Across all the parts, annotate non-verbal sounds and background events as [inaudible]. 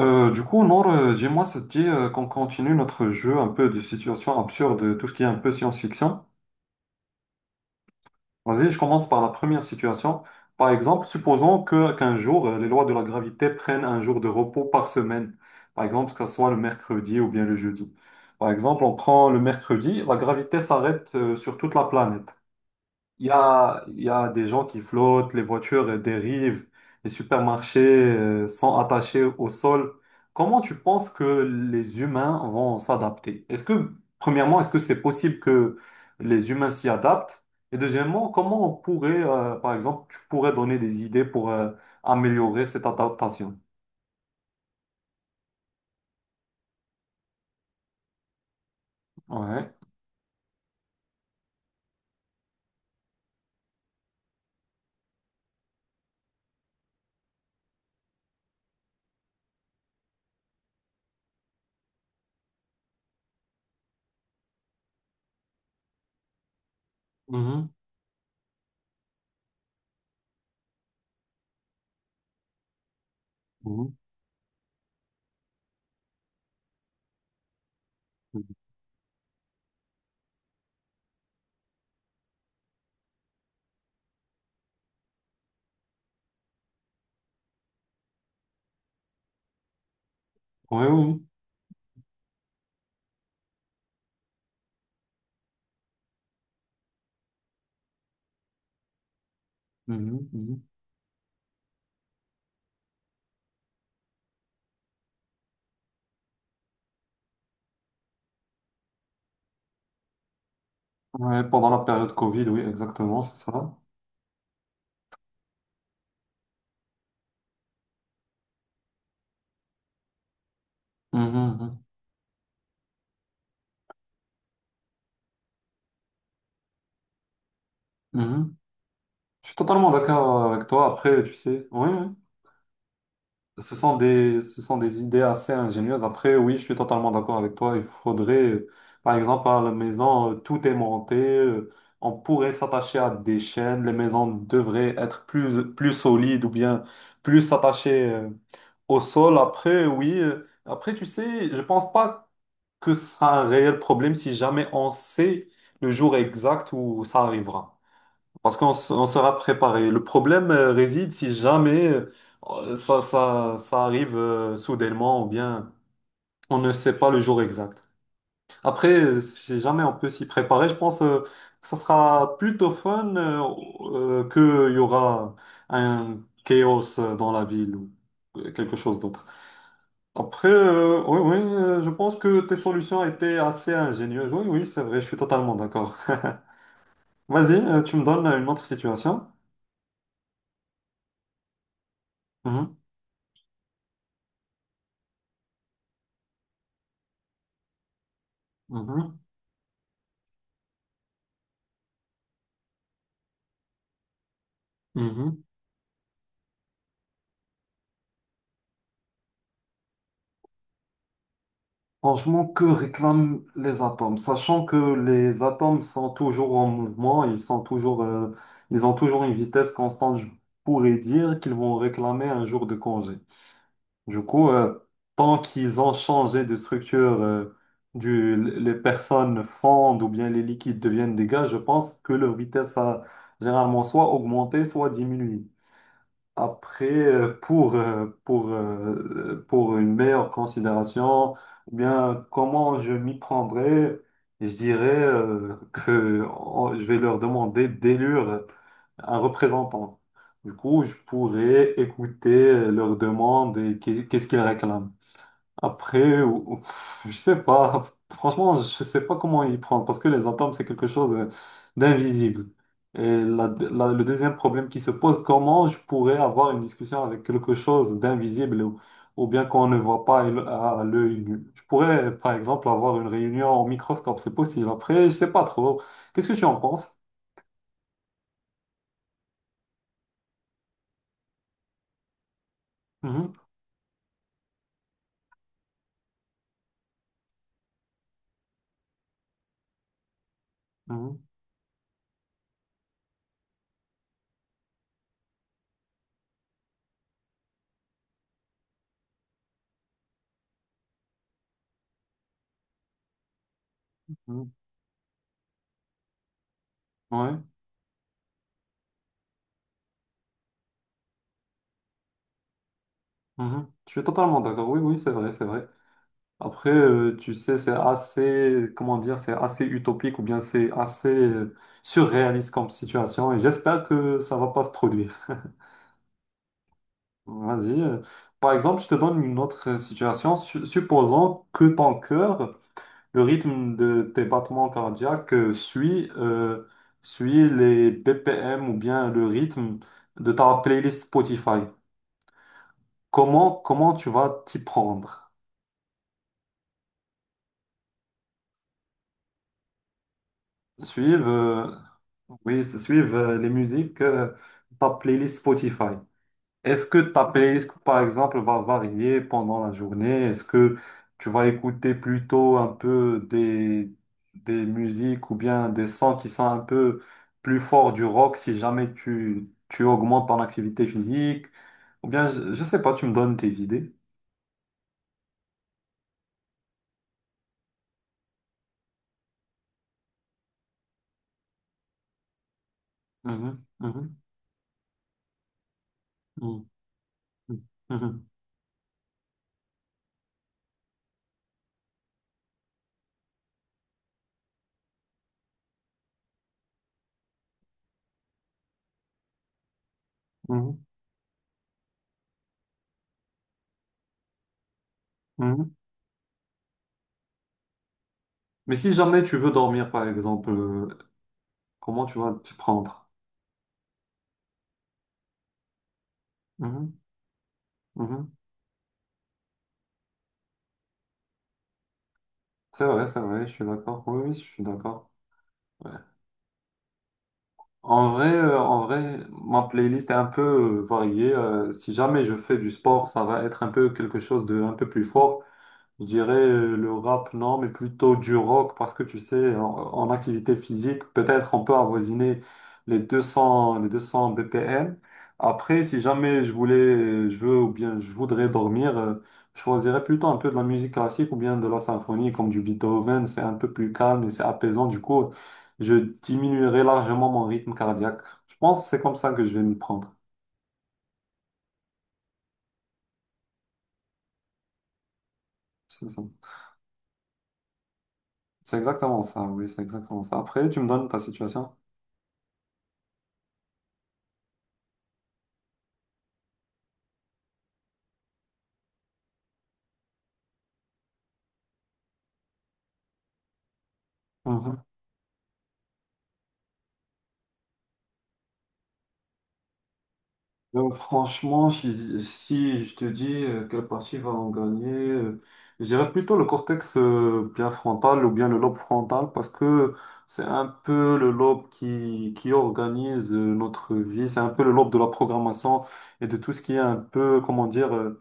Du coup, Nour, dis-moi, ça te dit qu'on continue notre jeu un peu de situation absurde, tout ce qui est un peu science-fiction. Vas-y, je commence par la première situation. Par exemple, supposons que qu'un jour, les lois de la gravité prennent un jour de repos par semaine. Par exemple, que ce soit le mercredi ou bien le jeudi. Par exemple, on prend le mercredi, la gravité s'arrête sur toute la planète. Il y a des gens qui flottent, les voitures dérivent, les supermarchés sont attachés au sol. Comment tu penses que les humains vont s'adapter? Premièrement, est-ce que c'est possible que les humains s'y adaptent? Et deuxièmement, comment on pourrait, par exemple, tu pourrais donner des idées pour améliorer cette adaptation? Ouais. Mhm. Mhm. Oui, oui. Mhm, mhm. Ouais, pendant la période Covid, oui, exactement, c'est ça. Mhm, mhm. Mhm. Je suis totalement d'accord avec toi. Après, tu sais, oui, oui. Ce sont des idées assez ingénieuses. Après, oui, je suis totalement d'accord avec toi. Il faudrait, par exemple, à la maison, tout est monté. On pourrait s'attacher à des chaînes. Les maisons devraient être plus solides ou bien plus attachées au sol. Après, oui. Après, tu sais, je pense pas que ce sera un réel problème si jamais on sait le jour exact où ça arrivera. Parce qu'on sera préparé. Le problème réside si jamais ça arrive soudainement ou bien on ne sait pas le jour exact. Après, si jamais on peut s'y préparer, je pense que ça sera plutôt fun que qu'il y aura un chaos dans la ville ou quelque chose d'autre. Après, oui, oui, je pense que tes solutions étaient assez ingénieuses. Oui, oui, c'est vrai, je suis totalement d'accord. [laughs] Vas-y, tu me donnes une autre situation. Mhm, mhm, mhm. Franchement, que réclament les atomes? Sachant que les atomes sont toujours en mouvement, ils ont toujours une vitesse constante, je pourrais dire qu'ils vont réclamer un jour de congé. Du coup, tant qu'ils ont changé de structure, les personnes fondent ou bien les liquides deviennent des gaz, je pense que leur vitesse a généralement soit augmenté, soit diminué. Après, pour une meilleure considération, ou bien, comment je m'y prendrais, je dirais je vais leur demander d'élire un représentant. Du coup, je pourrais écouter leurs demandes et qu'est-ce qu'ils réclament. Après, je sais pas. Franchement, je sais pas comment y prendre parce que les atomes, c'est quelque chose d'invisible. Et le deuxième problème qui se pose, comment je pourrais avoir une discussion avec quelque chose d'invisible ou bien qu'on ne voit pas à l'œil nu? Je pourrais, par exemple, avoir une réunion au microscope, c'est possible. Après, je sais pas trop. Qu'est-ce que tu en penses? Mhm, mhm, mhm. Ouais, mhm. Je suis totalement d'accord. Oui, oui, c'est vrai, c'est vrai. Après, tu sais, c'est assez, comment dire, c'est assez utopique ou bien c'est assez surréaliste comme situation et j'espère que ça va pas se produire. [laughs] Vas-y. Par exemple, je te donne une autre situation. Supposons que ton cœur, le rythme de tes battements cardiaques suit les BPM ou bien le rythme de ta playlist Spotify. Comment tu vas t'y prendre? Suivre. Oui, se suivent les musiques, ta playlist Spotify. Est-ce que ta playlist, par exemple, va varier pendant la journée? Est-ce que tu vas écouter plutôt un peu des musiques ou bien des sons qui sont un peu plus forts du rock si jamais tu augmentes ton activité physique? Ou bien, je sais pas, tu me donnes tes idées. Mhm, mhm, mhm, mhm, mhm, mhm. Mais si jamais tu veux dormir, par exemple, comment tu vas t'y prendre? Mhm. C'est vrai, je suis d'accord. Oui, oui, je suis d'accord. Ouais. En vrai, ma playlist est un peu variée. Si jamais je fais du sport, ça va être un peu quelque chose de un peu plus fort. Je dirais le rap, non, mais plutôt du rock, parce que tu sais, en activité physique, peut-être on peut avoisiner les 200, les 200 BPM. Après, si jamais je voulais, je veux ou bien je voudrais dormir, je choisirais plutôt un peu de la musique classique ou bien de la symphonie, comme du Beethoven. C'est un peu plus calme et c'est apaisant. Du coup, je diminuerais largement mon rythme cardiaque. Je pense que c'est comme ça que je vais m'y prendre. C'est ça. C'est exactement ça, oui, c'est exactement ça. Après, tu me donnes ta situation. Franchement, si je te dis quelle partie va en gagner, je dirais plutôt le cortex bien frontal ou bien le lobe frontal parce que c'est un peu le lobe qui organise notre vie, c'est un peu le lobe de la programmation et de tout ce qui est un peu, comment dire,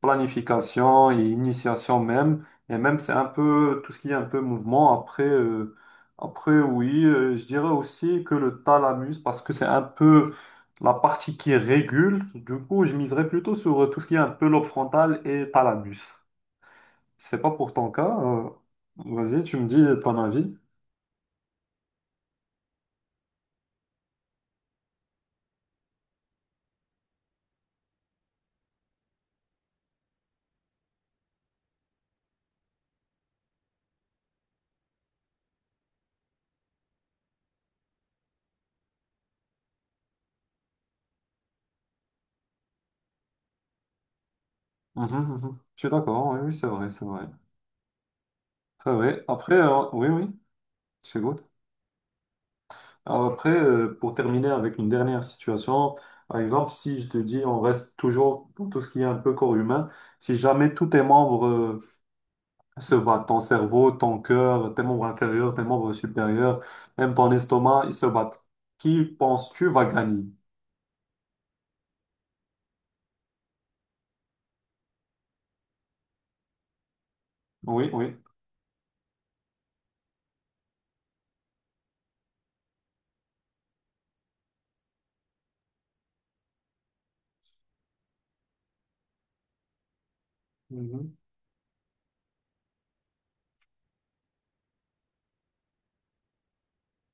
planification et initiation même. Et même, c'est un peu tout ce qui est un peu mouvement. Après, après oui, je dirais aussi que le thalamus, parce que c'est un peu la partie qui régule. Du coup, je miserais plutôt sur tout ce qui est un peu lobe frontal et thalamus. C'est pas pour ton cas. Vas-y, tu me dis ton avis. Mhm, mhm. Je suis d'accord. Oui, oui, c'est vrai, c'est vrai. C'est vrai. Après, oui, oui, c'est good. Alors après, pour terminer avec une dernière situation, par exemple, si je te dis on reste toujours dans tout ce qui est un peu corps humain, si jamais tous tes membres se battent, ton cerveau, ton cœur, tes membres inférieurs, tes membres supérieurs, même ton estomac, ils se battent, qui penses-tu va gagner? Oui, oui. Mhm.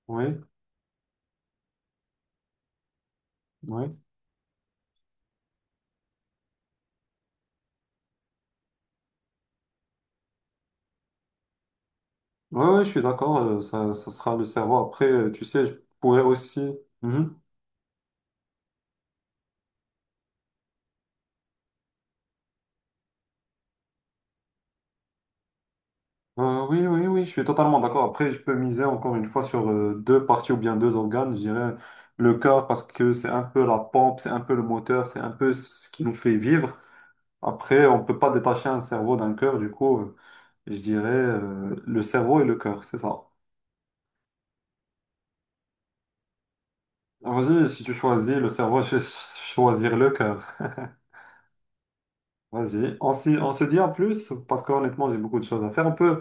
Oui, oui. Oui, oui, je suis d'accord, ça sera le cerveau. Après, tu sais, je pourrais aussi... Mhm. Oui, oui, oui, je suis totalement d'accord. Après, je peux miser encore une fois sur deux parties ou bien deux organes. Je dirais le cœur parce que c'est un peu la pompe, c'est un peu le moteur, c'est un peu ce qui nous fait vivre. Après, on peut pas détacher un cerveau d'un cœur. Du coup, je dirais le cerveau et le cœur, c'est ça. Vas-y, si tu choisis le cerveau, [laughs] je vais choisir le cœur. Vas-y, on se dit en plus parce qu'honnêtement, j'ai beaucoup de choses à faire. On peut,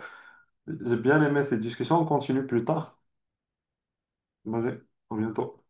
j'ai bien aimé cette discussion. On continue plus tard. Vas-y, à bientôt.